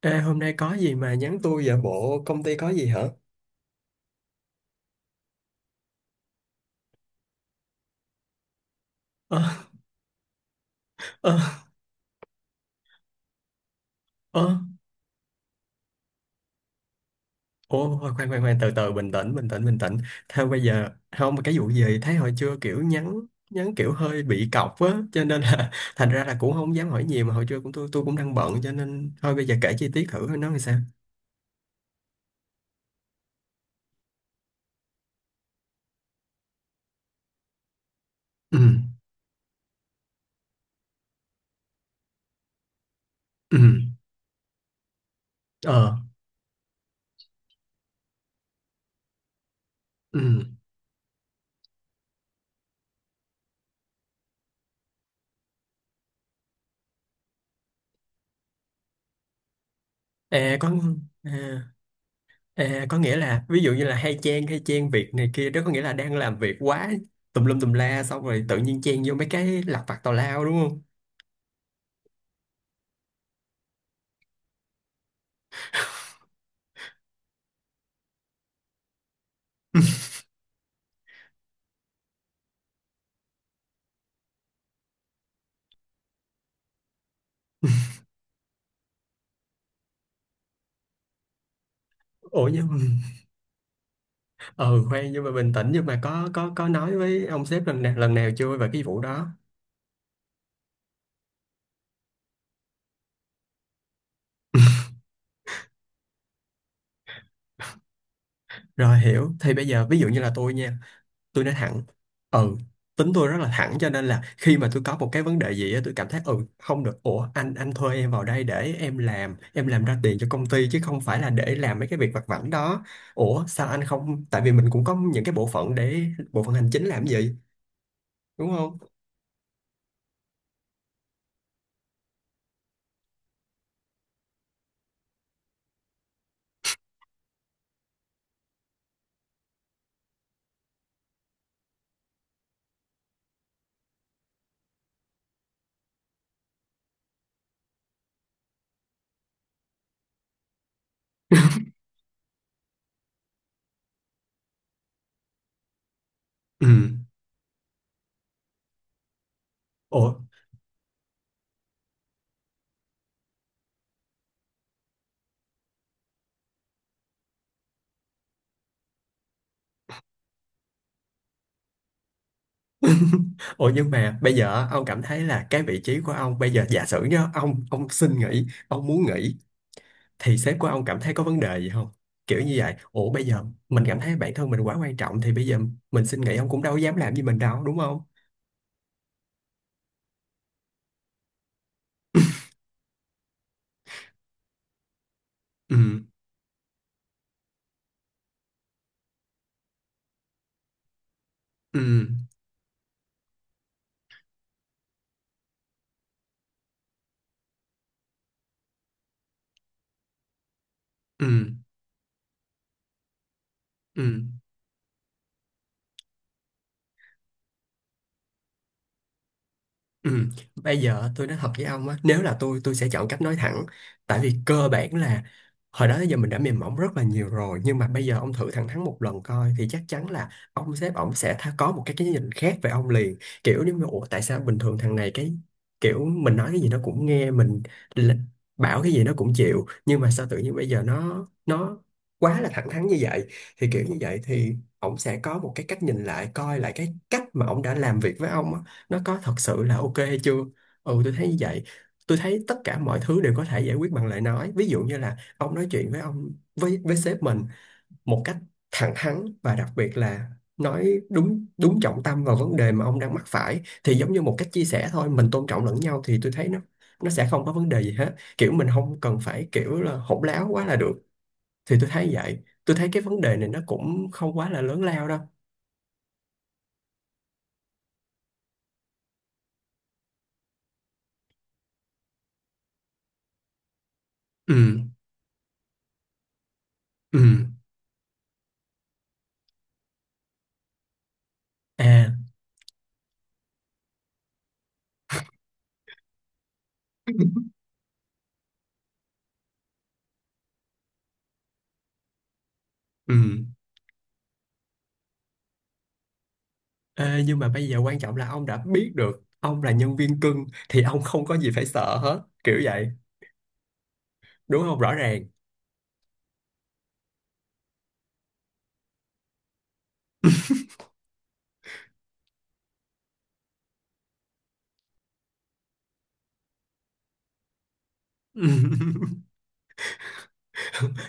Ê, hôm nay có gì mà nhắn tôi vậy? Bộ công ty có gì hả? Ơ, ơ, ơ. Ồ, khoan, khoan, khoan, từ từ, bình tĩnh, bình tĩnh, bình tĩnh. Theo bây giờ, không, mà cái vụ gì, thấy hồi trưa kiểu nhắn, kiểu hơi bị cọc á, cho nên là, thành ra là cũng không dám hỏi nhiều, mà hồi trưa cũng tôi cũng đang bận, cho nên, thôi bây giờ kể chi tiết thử, nó làm sao? Ừ, ừ, ờ, ừ, e có, à. À, có nghĩa là ví dụ như là hay chen việc này kia đó, có nghĩa là đang làm việc quá tùm lum tùm la xong rồi tự nhiên chen vô mấy cái lặt vặt tào lao, đúng không? Ủa nhưng mà- ừ khoan, nhưng mà bình tĩnh, nhưng mà có nói với ông sếp lần nào chưa về cái vụ đó? Rồi, hiểu. Thì bây giờ ví dụ như là tôi nha, tôi nói thẳng, ừ, tính tôi rất là thẳng, cho nên là khi mà tôi có một cái vấn đề gì á tôi cảm thấy ừ không được. Ủa anh, thuê em vào đây để em làm ra tiền cho công ty, chứ không phải là để làm mấy cái việc vặt vãnh đó. Ủa sao anh không, tại vì mình cũng có những cái bộ phận để, bộ phận hành chính làm gì, đúng không? Ừ. ủa Ủa nhưng mà bây giờ ông cảm thấy là cái vị trí của ông bây giờ, giả sử nhá, ông xin nghỉ, ông muốn nghỉ, thì sếp của ông cảm thấy có vấn đề gì không, kiểu như vậy. Ủa bây giờ mình cảm thấy bản thân mình quá quan trọng thì bây giờ mình xin nghỉ, ông cũng đâu dám làm gì mình đâu, đúng không? Ừ, ừ, ừ, ừ, Ừ. Bây giờ tôi nói thật với ông á, nếu là tôi sẽ chọn cách nói thẳng. Tại vì cơ bản là hồi đó tới giờ mình đã mềm mỏng rất là nhiều rồi, nhưng mà bây giờ ông thử thẳng thắn một lần coi, thì chắc chắn là ông sếp ông sẽ tha, có một cái nhìn khác về ông liền. Kiểu nếu mà ủa tại sao bình thường thằng này, cái kiểu mình nói cái gì nó cũng nghe, mình l- bảo cái gì nó cũng chịu, nhưng mà sao tự nhiên bây giờ nó, quá là thẳng thắn như vậy. Thì kiểu như vậy thì ông sẽ có một cái cách nhìn lại, coi lại cái cách mà ông đã làm việc với ông á, nó có thật sự là ok hay chưa. Ừ, tôi thấy như vậy. Tôi thấy tất cả mọi thứ đều có thể giải quyết bằng lời nói, ví dụ như là ông nói chuyện với ông, với sếp mình một cách thẳng thắn, và đặc biệt là nói đúng đúng trọng tâm vào vấn đề mà ông đang mắc phải, thì giống như một cách chia sẻ thôi, mình tôn trọng lẫn nhau thì tôi thấy nó sẽ không có vấn đề gì hết, kiểu mình không cần phải kiểu là hỗn láo quá là được. Thì tôi thấy vậy, tôi thấy cái vấn đề này nó cũng không quá là lớn lao đâu. Ừ, ừ, à. Ừ. Ê, nhưng mà bây giờ quan trọng là ông đã biết được ông là nhân viên cưng thì ông không có gì phải sợ hết, kiểu vậy, đúng không, rõ ràng.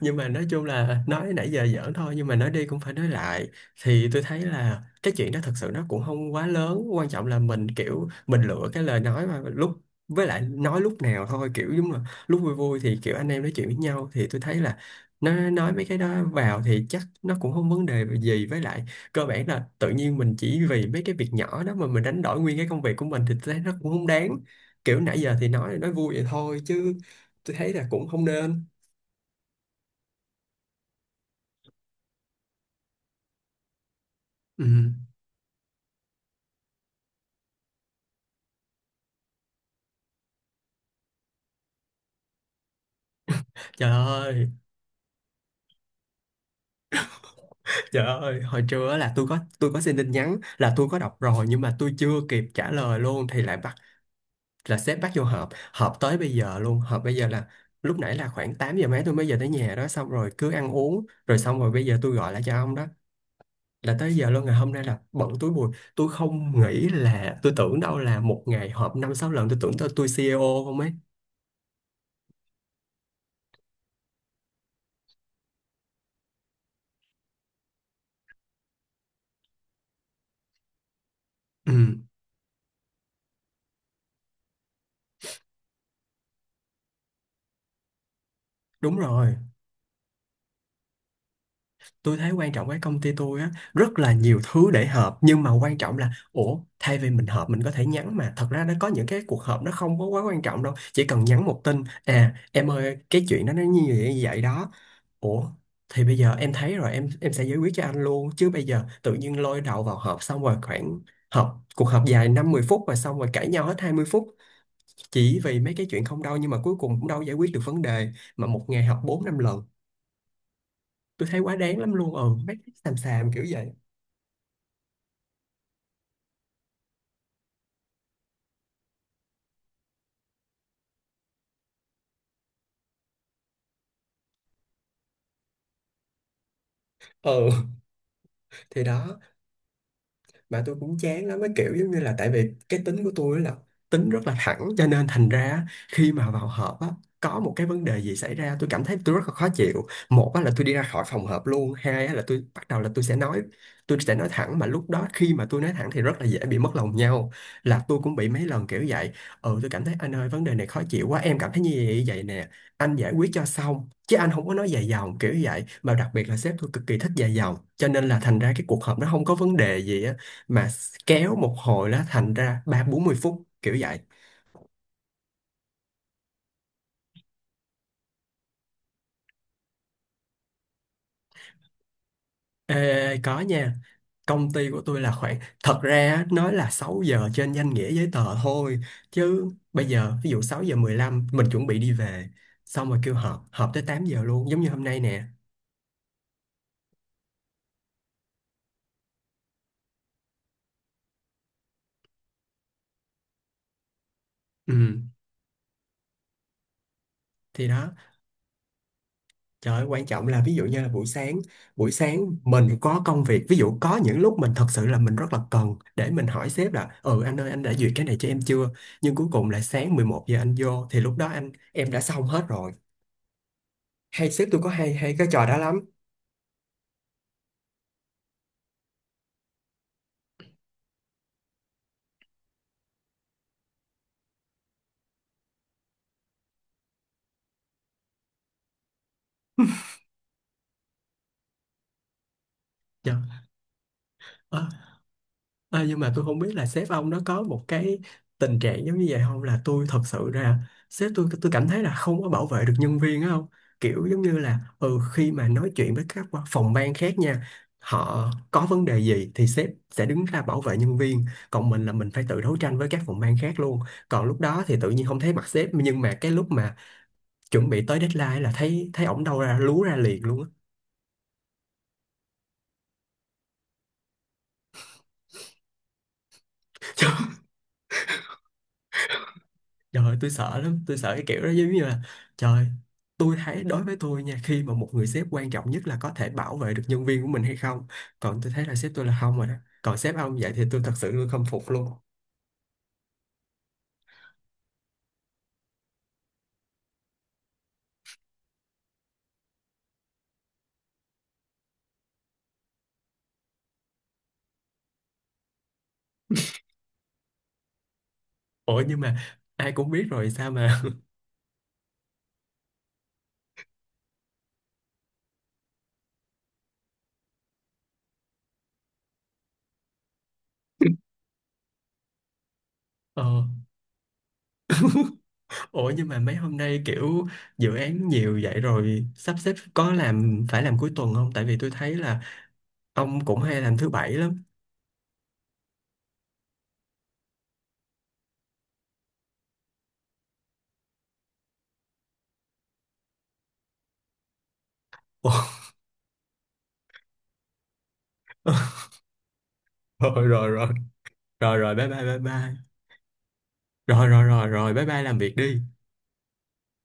Nhưng mà nói chung là nói nãy giờ giỡn thôi, nhưng mà nói đi cũng phải nói lại, thì tôi thấy là cái chuyện đó thật sự nó cũng không quá lớn, quan trọng là mình kiểu mình lựa cái lời nói mà lúc, với lại nói lúc nào thôi, kiểu giống là lúc vui vui thì kiểu anh em nói chuyện với nhau thì tôi thấy là nó, nói mấy cái đó vào thì chắc nó cũng không vấn đề gì. Với lại cơ bản là tự nhiên mình chỉ vì mấy cái việc nhỏ đó mà mình đánh đổi nguyên cái công việc của mình thì tôi thấy nó cũng không đáng, kiểu nãy giờ thì nói vui vậy thôi chứ tôi thấy là cũng không nên. Ừ. Trời ơi, Trời ơi, hồi trưa á là tôi có xin tin nhắn, là tôi có đọc rồi nhưng mà tôi chưa kịp trả lời luôn, thì lại bắt, là sếp bắt vô họp, họp tới bây giờ luôn, họp bây giờ là lúc nãy là khoảng 8 giờ mấy tôi mới về tới nhà đó, xong rồi cứ ăn uống rồi, xong rồi bây giờ tôi gọi lại cho ông đó, là tới giờ luôn. Ngày hôm nay là bận túi bụi, tôi không nghĩ là, tôi tưởng đâu là một ngày họp năm sáu lần, tôi tưởng tôi CEO không ấy. Ừ đúng rồi. Tôi thấy quan trọng cái công ty tôi á rất là nhiều thứ để họp, nhưng mà quan trọng là ủa thay vì mình họp mình có thể nhắn, mà thật ra nó có những cái cuộc họp nó không có quá quan trọng đâu, chỉ cần nhắn một tin à em ơi cái chuyện đó nó như vậy đó, ủa thì bây giờ em thấy rồi, em sẽ giải quyết cho anh luôn, chứ bây giờ tự nhiên lôi đầu vào họp, xong rồi khoảng, cuộc họp dài năm mười phút và xong rồi cãi nhau hết 20 phút, chỉ vì mấy cái chuyện không đâu nhưng mà cuối cùng cũng đâu giải quyết được vấn đề, mà một ngày họp 4 5 lần, tôi thấy quá đáng lắm luôn. Ừ mấy cái xàm xàm kiểu vậy. Ừ thì đó. Mà tôi cũng chán lắm cái kiểu, giống như là tại vì cái tính của tôi là tính rất là thẳng, cho nên thành ra khi mà vào họp á có một cái vấn đề gì xảy ra tôi cảm thấy tôi rất là khó chịu, một á là tôi đi ra khỏi phòng họp luôn, hai á là tôi bắt đầu là tôi sẽ nói thẳng, mà lúc đó khi mà tôi nói thẳng thì rất là dễ bị mất lòng nhau, là tôi cũng bị mấy lần kiểu vậy. Ừ tôi cảm thấy anh ơi vấn đề này khó chịu quá em cảm thấy như vậy vậy nè, anh giải quyết cho xong chứ anh không có nói dài dòng kiểu vậy, mà đặc biệt là sếp tôi cực kỳ thích dài dòng, cho nên là thành ra cái cuộc họp nó không có vấn đề gì á mà kéo một hồi nó thành ra ba bốn mươi phút kiểu vậy. Ê, có nha, công ty của tôi là khoảng, thật ra á, nói là 6 giờ trên danh nghĩa giấy tờ thôi, chứ bây giờ ví dụ 6:15 mình chuẩn bị đi về, xong rồi kêu họp, họp tới 8 giờ luôn, giống như hôm nay nè. Ừ thì đó. Trời ơi, quan trọng là ví dụ như là buổi sáng mình có công việc, ví dụ có những lúc mình thật sự là mình rất là cần để mình hỏi sếp là ừ anh ơi anh đã duyệt cái này cho em chưa? Nhưng cuối cùng là sáng 11 giờ anh vô thì lúc đó anh em đã xong hết rồi. Hay sếp tôi có hay, cái trò đó lắm. Trời. Ờ, nhưng mà tôi không biết là sếp ông nó có một cái tình trạng giống như vậy không, là tôi thật sự ra sếp tôi cảm thấy là không có bảo vệ được nhân viên á, không kiểu giống như là ừ khi mà nói chuyện với các phòng ban khác nha, họ có vấn đề gì thì sếp sẽ đứng ra bảo vệ nhân viên, còn mình là mình phải tự đấu tranh với các phòng ban khác luôn, còn lúc đó thì tự nhiên không thấy mặt sếp, nhưng mà cái lúc mà chuẩn bị tới deadline là thấy thấy ổng đâu ra lú ra liền luôn á. Trời ơi, tôi sợ lắm, tôi sợ cái kiểu đó giống như là, trời, tôi thấy đối với tôi nha, khi mà một người sếp quan trọng nhất là có thể bảo vệ được nhân viên của mình hay không. Còn tôi thấy là sếp tôi là không rồi đó. Còn sếp ông vậy thì tôi thật sự tôi không phục luôn. Ủa nhưng mà ai cũng biết rồi sao mà. Ờ, ủa nhưng mà mấy hôm nay kiểu dự án nhiều vậy rồi sắp xếp có làm, phải làm cuối tuần không? Tại vì tôi thấy là ông cũng hay làm thứ bảy lắm. Ủa, rồi rồi rồi, rồi rồi bye bye bye bye. Rồi rồi rồi rồi bye bye làm việc đi.